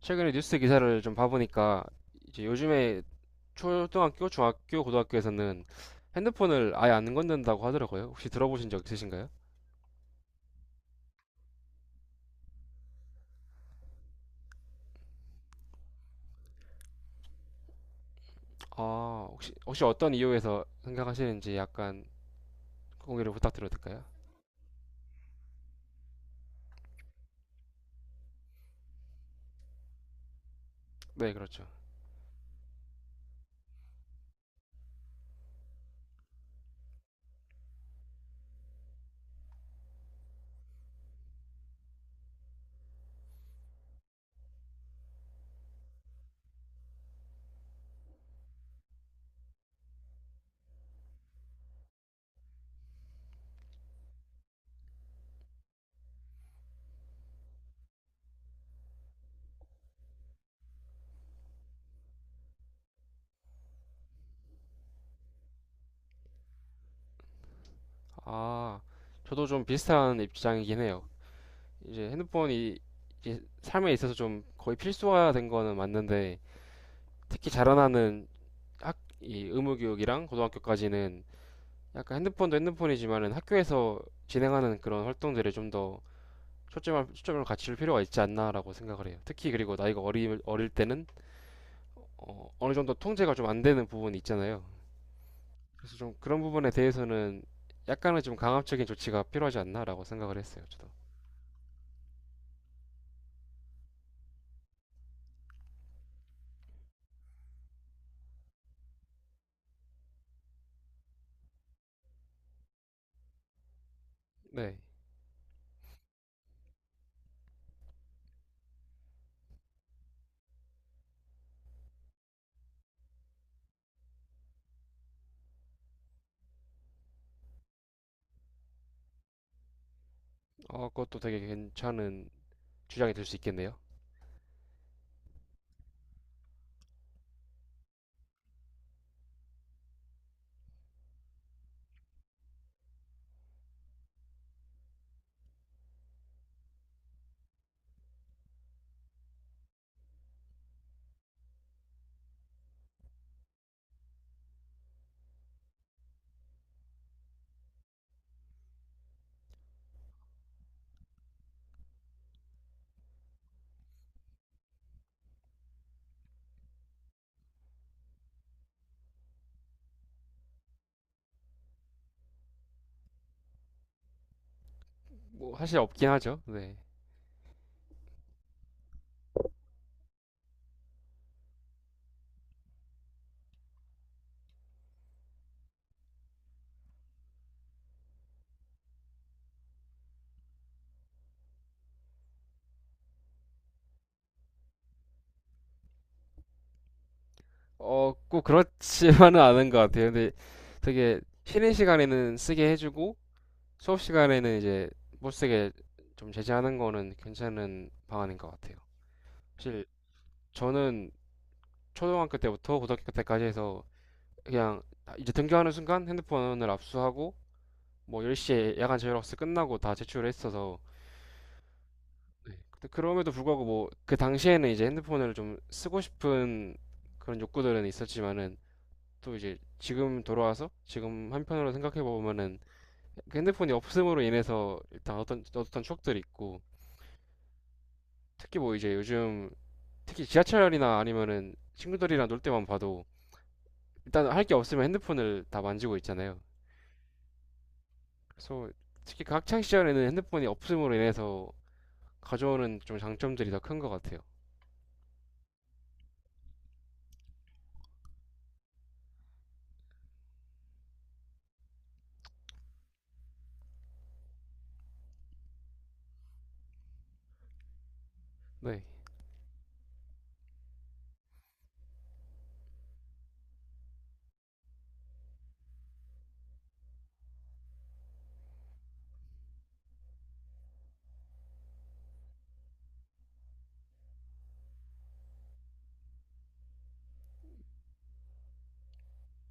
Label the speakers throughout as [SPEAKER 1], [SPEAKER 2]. [SPEAKER 1] 최근에 뉴스 기사를 좀 봐보니까 이제 요즘에 초등학교, 중학교, 고등학교에서는 핸드폰을 아예 안 건넨다고 하더라고요. 혹시 들어보신 적 있으신가요? 아, 혹시 어떤 이유에서 생각하시는지 약간 공유를 부탁드려도 될까요? 네, 그렇죠. 아, 저도 좀 비슷한 입장이긴 해요. 이제 핸드폰이 이제 삶에 있어서 좀 거의 필수화 된 거는 맞는데 특히 자라나는 이 의무교육이랑 고등학교까지는 약간 핸드폰도 핸드폰이지만은 학교에서 진행하는 그런 활동들에 좀 더 초점을 갖출 필요가 있지 않나라고 생각을 해요. 특히 그리고 나이가 어릴 때는 어느 정도 통제가 좀 안 되는 부분이 있잖아요. 그래서 좀 그런 부분에 대해서는 약간은 좀 강압적인 조치가 필요하지 않나라고 생각을 했어요, 저도. 네. 그것도 되게 괜찮은 주장이 될 수 있겠네요. 뭐, 사실 없긴 하죠. 네. 꼭 그렇지만은 않은 것 같아요. 근데 되게 쉬는 시간에는 쓰게 해주고, 수업 시간에는 이제 못 쓰게 좀 제재하는 거는 괜찮은 방안인 것 같아요. 사실 저는 초등학교 때부터 고등학교 때까지 해서 그냥 아, 이제 등교하는 순간 핸드폰을 압수하고 뭐 10시에 야간 자율학습 끝나고 다 제출을 했어서 네. 근데 그럼에도 불구하고 뭐 그 당시에는 이제 핸드폰을 좀 쓰고 싶은 그런 욕구들은 있었지만은 또 이제 지금 돌아와서 지금 한편으로 생각해 보면은 그 핸드폰이 없음으로 인해서 일단 어떤 추억들이 있고 특히 뭐 이제 요즘 특히 지하철이나 아니면은 친구들이랑 놀 때만 봐도 일단 할 게 없으면 핸드폰을 다 만지고 있잖아요. 그래서 특히 그 학창 시절에는 핸드폰이 없음으로 인해서 가져오는 좀 장점들이 더 큰 것 같아요. 네,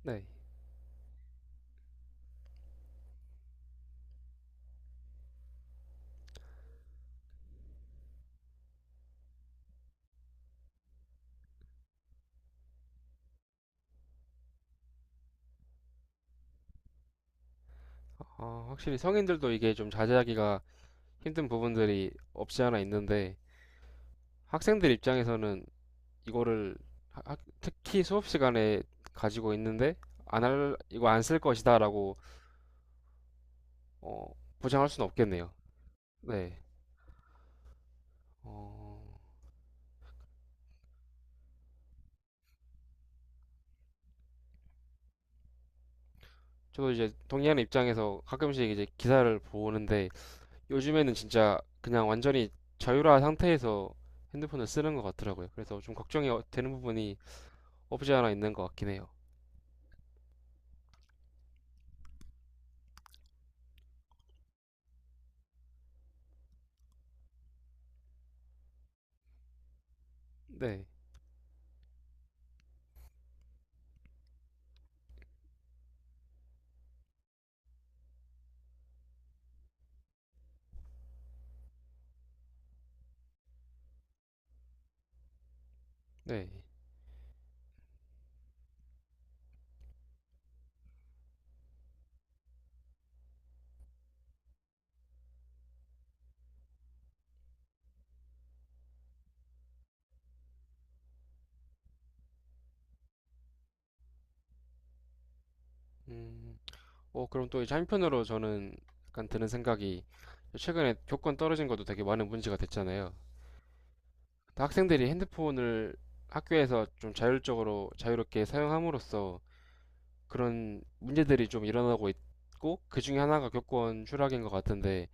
[SPEAKER 1] 네. 아, 확실히 성인들도 이게 좀 자제하기가 힘든 부분들이 없지 않아 있는데 학생들 입장에서는 이거를 특히 수업 시간에 가지고 있는데 안 할, 이거 안 쓸 것이다라고 어, 보장할 수는 없겠네요. 네. 어, 저도 이제 동의하는 입장에서 가끔씩 이제 기사를 보는데 요즘에는 진짜 그냥 완전히 자유화 상태에서 핸드폰을 쓰는 것 같더라고요. 그래서 좀 걱정이 되는 부분이 없지 않아 있는 것 같긴 해요. 네, 네. 음, 그럼 또 이제 한편으로 저는 약간 드는 생각이 최근에 교권 떨어진 것도 되게 많은 문제가 됐잖아요. 학생들이 핸드폰을 학교에서 좀 자율적으로 자유롭게 사용함으로써 그런 문제들이 좀 일어나고 있고 그 중에 하나가 교권 추락인 것 같은데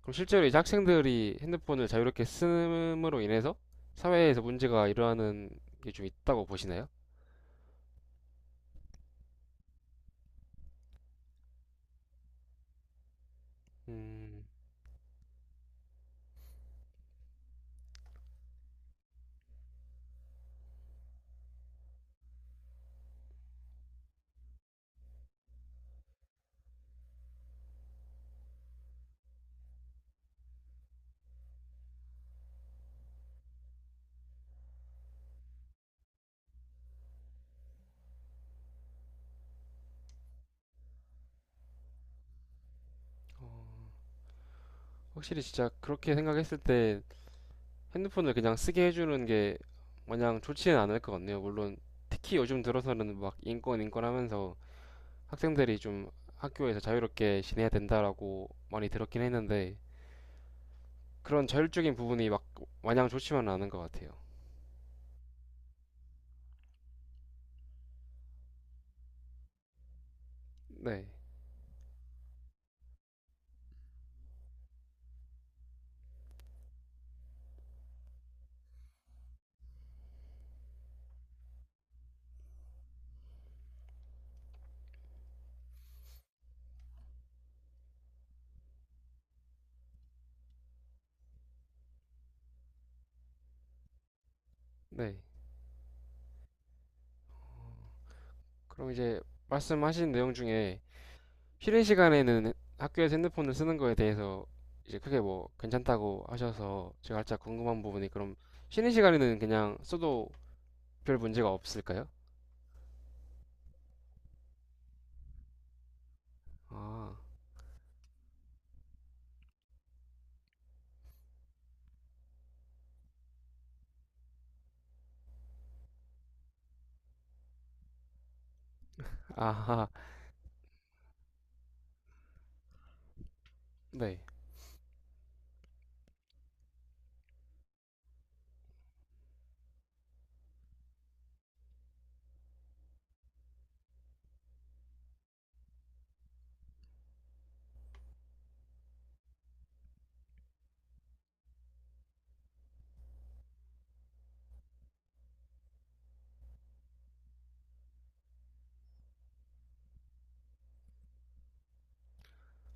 [SPEAKER 1] 그럼 실제로 이제 학생들이 핸드폰을 자유롭게 쓰므로 인해서 사회에서 문제가 일어나는 게 좀 있다고 보시나요? 음, 확실히 진짜 그렇게 생각했을 때 핸드폰을 그냥 쓰게 해주는 게 마냥 좋지는 않을 것 같네요. 물론 특히 요즘 들어서는 막 인권 인권 하면서 학생들이 좀 학교에서 자유롭게 지내야 된다라고 많이 들었긴 했는데 그런 자율적인 부분이 막 마냥 좋지만은 않은 것 같아요. 네, 네. 그럼 이제 말씀하신 내용 중에 쉬는 시간에는 학교에서 핸드폰을 쓰는 거에 대해서 이제 크게 뭐 괜찮다고 하셔서 제가 살짝 궁금한 부분이 그럼 쉬는 시간에는 그냥 써도 별 문제가 없을까요? 아, 아하, 네.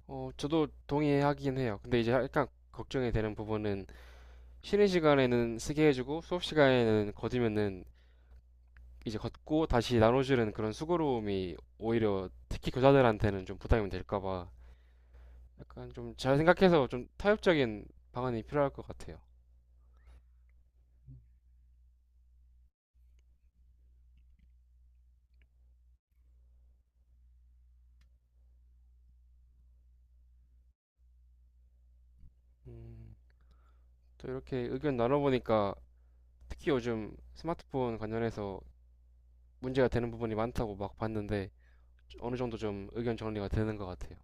[SPEAKER 1] 저도 동의하긴 해요. 근데 이제 약간 걱정이 되는 부분은 쉬는 시간에는 쓰게 해주고 수업 시간에는 거두면은 이제 걷고 다시 나눠주는 그런 수고로움이 오히려 특히 교사들한테는 좀 부담이 될까 봐. 약간 좀 잘 생각해서 좀 타협적인 방안이 필요할 것 같아요. 음, 또 이렇게 의견 나눠보니까 특히 요즘 스마트폰 관련해서 문제가 되는 부분이 많다고 막 봤는데 어느 정도 좀 의견 정리가 되는 것 같아요.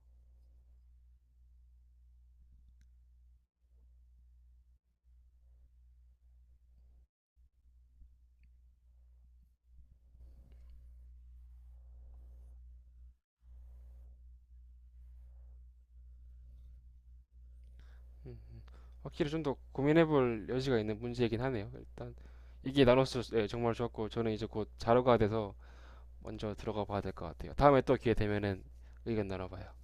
[SPEAKER 1] 확실히 좀 더 고민해볼 여지가 있는 문제이긴 하네요. 일단 이게 나눴을 때 정말 좋았고 저는 이제 곧 자료가 돼서 먼저 들어가 봐야 될 것 같아요. 다음에 또 기회 되면은 의견 나눠봐요.